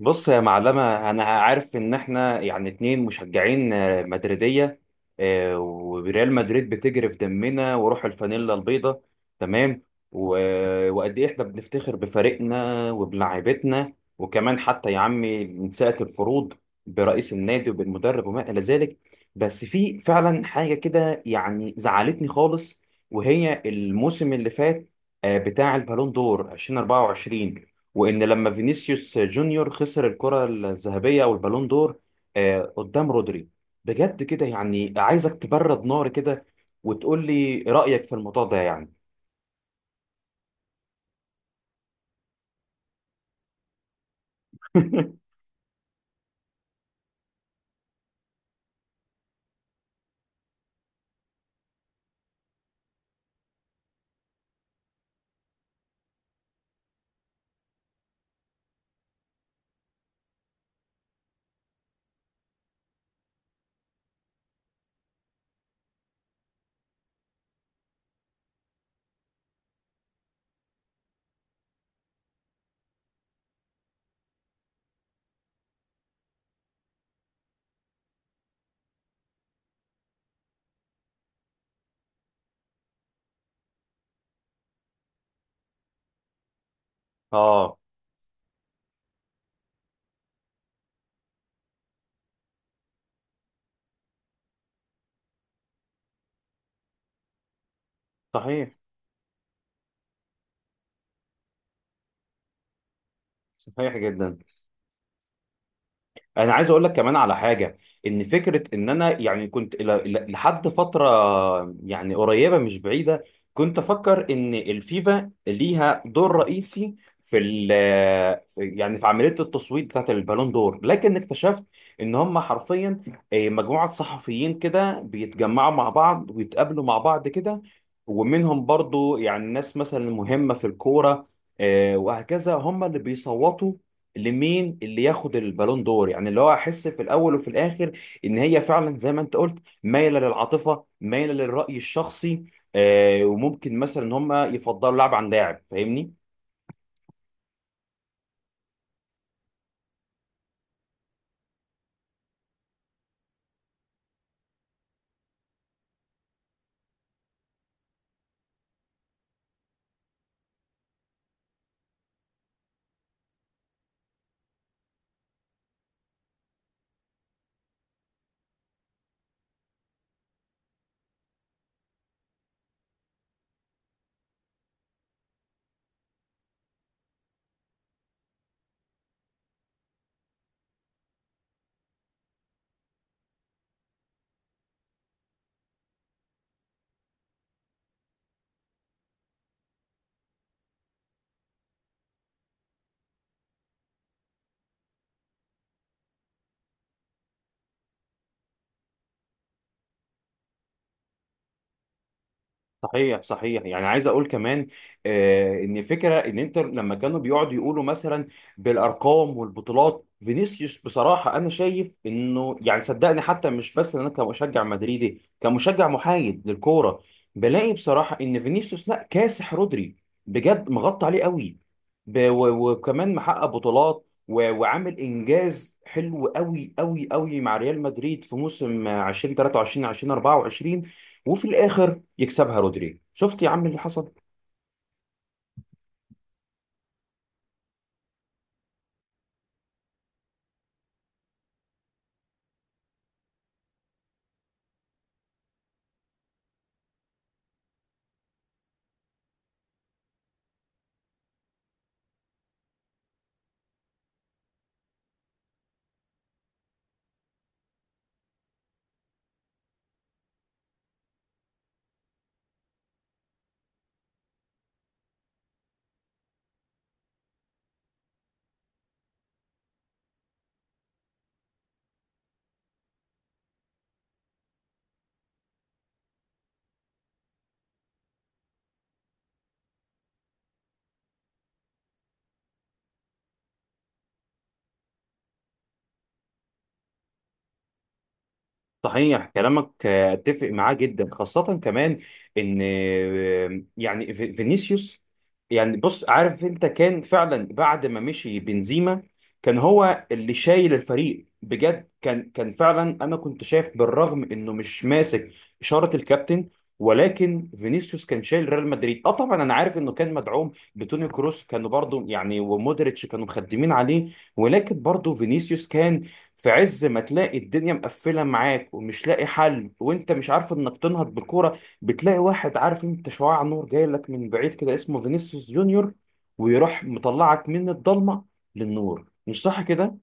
بص يا معلمة، أنا عارف إن إحنا يعني اتنين مشجعين مدريدية. وريال مدريد بتجري في دمنا وروح الفانيلا البيضاء. تمام. و- وقد إيه إحنا بنفتخر بفريقنا وبلاعيبتنا وكمان حتى يا عمي من ساعة الفروض برئيس النادي وبالمدرب وما إلى ذلك. بس في فعلا حاجة كده يعني زعلتني خالص، وهي الموسم اللي فات، بتاع البالون دور 2024، وان لما فينيسيوس جونيور خسر الكرة الذهبية او البالون دور قدام رودري. بجد كده يعني عايزك تبرد نار كده وتقول لي رأيك في الموضوع ده يعني. اه، صحيح صحيح جدا. انا عايز اقول لك كمان على حاجه. ان فكره ان انا يعني كنت لحد فتره، يعني قريبه مش بعيده، كنت افكر ان الفيفا ليها دور رئيسي في ال في- يعني في عمليه التصويت بتاعت البالون دور، لكن اكتشفت ان هم حرفيا مجموعه صحفيين كده بيتجمعوا مع بعض ويتقابلوا مع بعض كده، ومنهم برضو يعني ناس مثلا مهمه في الكوره، وهكذا هم اللي بيصوتوا لمين اللي ياخد البالون دور، يعني اللي هو احس في الاول وفي الاخر ان هي فعلا زي ما انت قلت مايله للعاطفه مايله للراي الشخصي. وممكن مثلا ان هم يفضلوا لاعب عن لاعب، فاهمني؟ صحيح صحيح، يعني عايز اقول كمان ان فكره ان انتر لما كانوا بيقعدوا يقولوا مثلا بالارقام والبطولات، فينيسيوس بصراحه انا شايف انه يعني صدقني، حتى مش بس انا كمشجع مدريدي، كمشجع محايد للكوره بلاقي بصراحه ان فينيسيوس لا كاسح رودري، بجد مغطى عليه قوي، وكمان محقق بطولات و- وعامل انجاز حلو قوي قوي قوي مع ريال مدريد في موسم 2023 2024. وفي الاخر يكسبها رودري، شفت يا عم اللي حصل. صحيح كلامك، اتفق معاه جدا، خاصة كمان ان يعني فينيسيوس، يعني بص عارف انت كان فعلا بعد ما مشي بنزيما كان هو اللي شايل الفريق بجد، كان فعلا انا كنت شايف بالرغم انه مش ماسك اشارة الكابتن، ولكن فينيسيوس كان شايل ريال مدريد. اه، طبعا انا عارف انه كان مدعوم بتوني كروس، كانوا برضو يعني ومودريتش كانوا مخدمين عليه، ولكن برضو فينيسيوس كان في عز ما تلاقي الدنيا مقفله معاك ومش لاقي حل وانت مش عارف انك تنهض بالكوره، بتلاقي واحد، عارف انت، شعاع نور جاي لك من بعيد كده اسمه فينيسيوس جونيور، ويروح مطلعك من الضلمه للنور. مش صح كده؟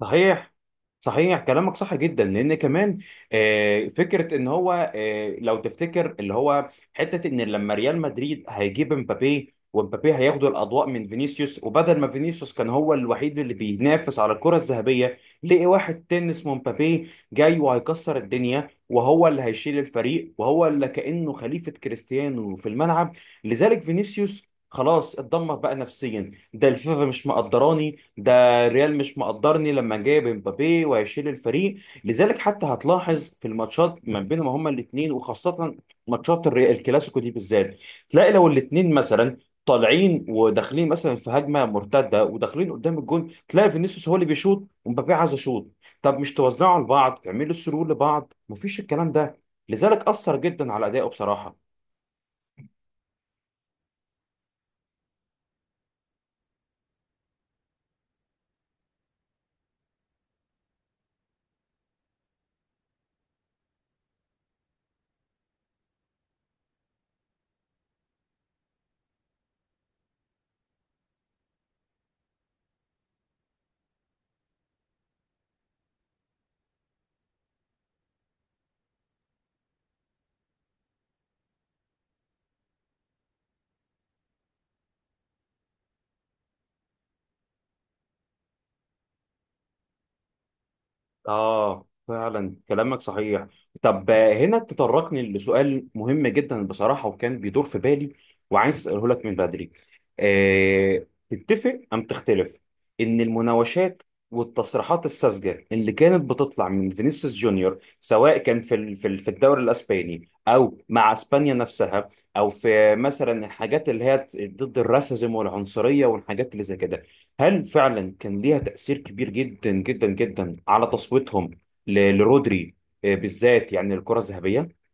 صحيح صحيح، كلامك صح جدا، لان كمان فكره ان هو، لو تفتكر اللي هو حته ان لما ريال مدريد هيجيب امبابي، وامبابي هياخدوا الاضواء من فينيسيوس، وبدل ما فينيسيوس كان هو الوحيد اللي بينافس على الكره الذهبيه، لقي واحد تاني اسمه امبابي جاي وهيكسر الدنيا وهو اللي هيشيل الفريق وهو اللي كانه خليفه كريستيانو في الملعب. لذلك فينيسيوس خلاص اتدمر بقى نفسيا، ده الفيفا مش مقدراني، ده الريال مش مقدرني لما جايب امبابي وهيشيل الفريق. لذلك حتى هتلاحظ في الماتشات ما بينهم هما الاثنين، وخاصة ماتشات الكلاسيكو دي بالذات، تلاقي لو الاثنين مثلا طالعين وداخلين مثلا في هجمه مرتده وداخلين قدام الجون، تلاقي فينيسيوس هو اللي بيشوط ومبابي عايز يشوط. طب مش توزعوا لبعض، تعملوا سرور لبعض، مفيش الكلام ده. لذلك اثر جدا على ادائه بصراحه. فعلا كلامك صحيح. طب هنا تطرقني لسؤال مهم جدا بصراحة، وكان بيدور في بالي وعايز أسأله لك من بدري، تتفق أم تختلف إن المناوشات والتصريحات الساذجة اللي كانت بتطلع من فينيسيوس جونيور، سواء كان في الدوري الأسباني أو مع أسبانيا نفسها، أو في مثلا الحاجات اللي هي ضد الراسيزم والعنصرية والحاجات اللي زي كده، هل فعلا كان ليها تأثير كبير جدا جدا جدا على تصويتهم لرودري بالذات، يعني الكرة الذهبية؟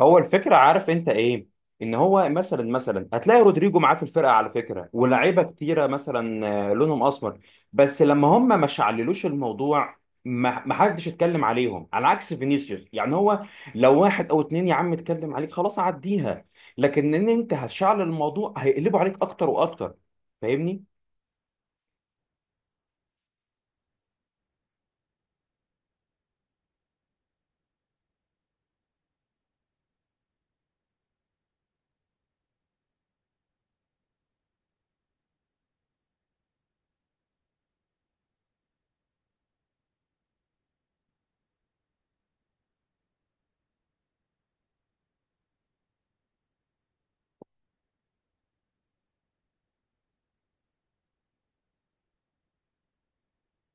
هو الفكرة، عارف انت ايه؟ ان هو مثلا هتلاقي رودريجو معاه في الفرقة على فكرة ولاعيبة كتيرة مثلا لونهم اسمر، بس لما هم ما شعللوش الموضوع ما حدش اتكلم عليهم، على عكس فينيسيوس. يعني هو لو واحد او اتنين يا عم اتكلم عليك خلاص عديها، لكن ان انت هتشعل الموضوع هيقلبوا عليك اكتر واكتر، فاهمني؟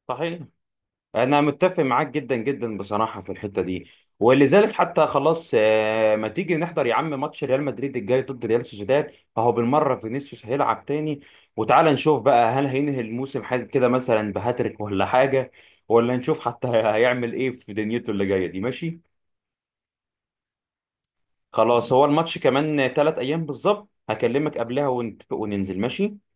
صحيح، انا متفق معاك جدا جدا بصراحه في الحته دي. ولذلك حتى خلاص، ما تيجي نحضر يا عم ماتش ريال مدريد الجاي ضد ريال سوسيداد، اهو بالمره فينيسيوس هيلعب تاني، وتعالى نشوف بقى هل هينهي الموسم حاجه كده مثلا بهاتريك ولا حاجه، ولا نشوف حتى هيعمل ايه في دنيته اللي جايه دي. ماشي، خلاص، هو الماتش كمان 3 ايام بالظبط، هكلمك قبلها ونتفق وننزل. ماشي.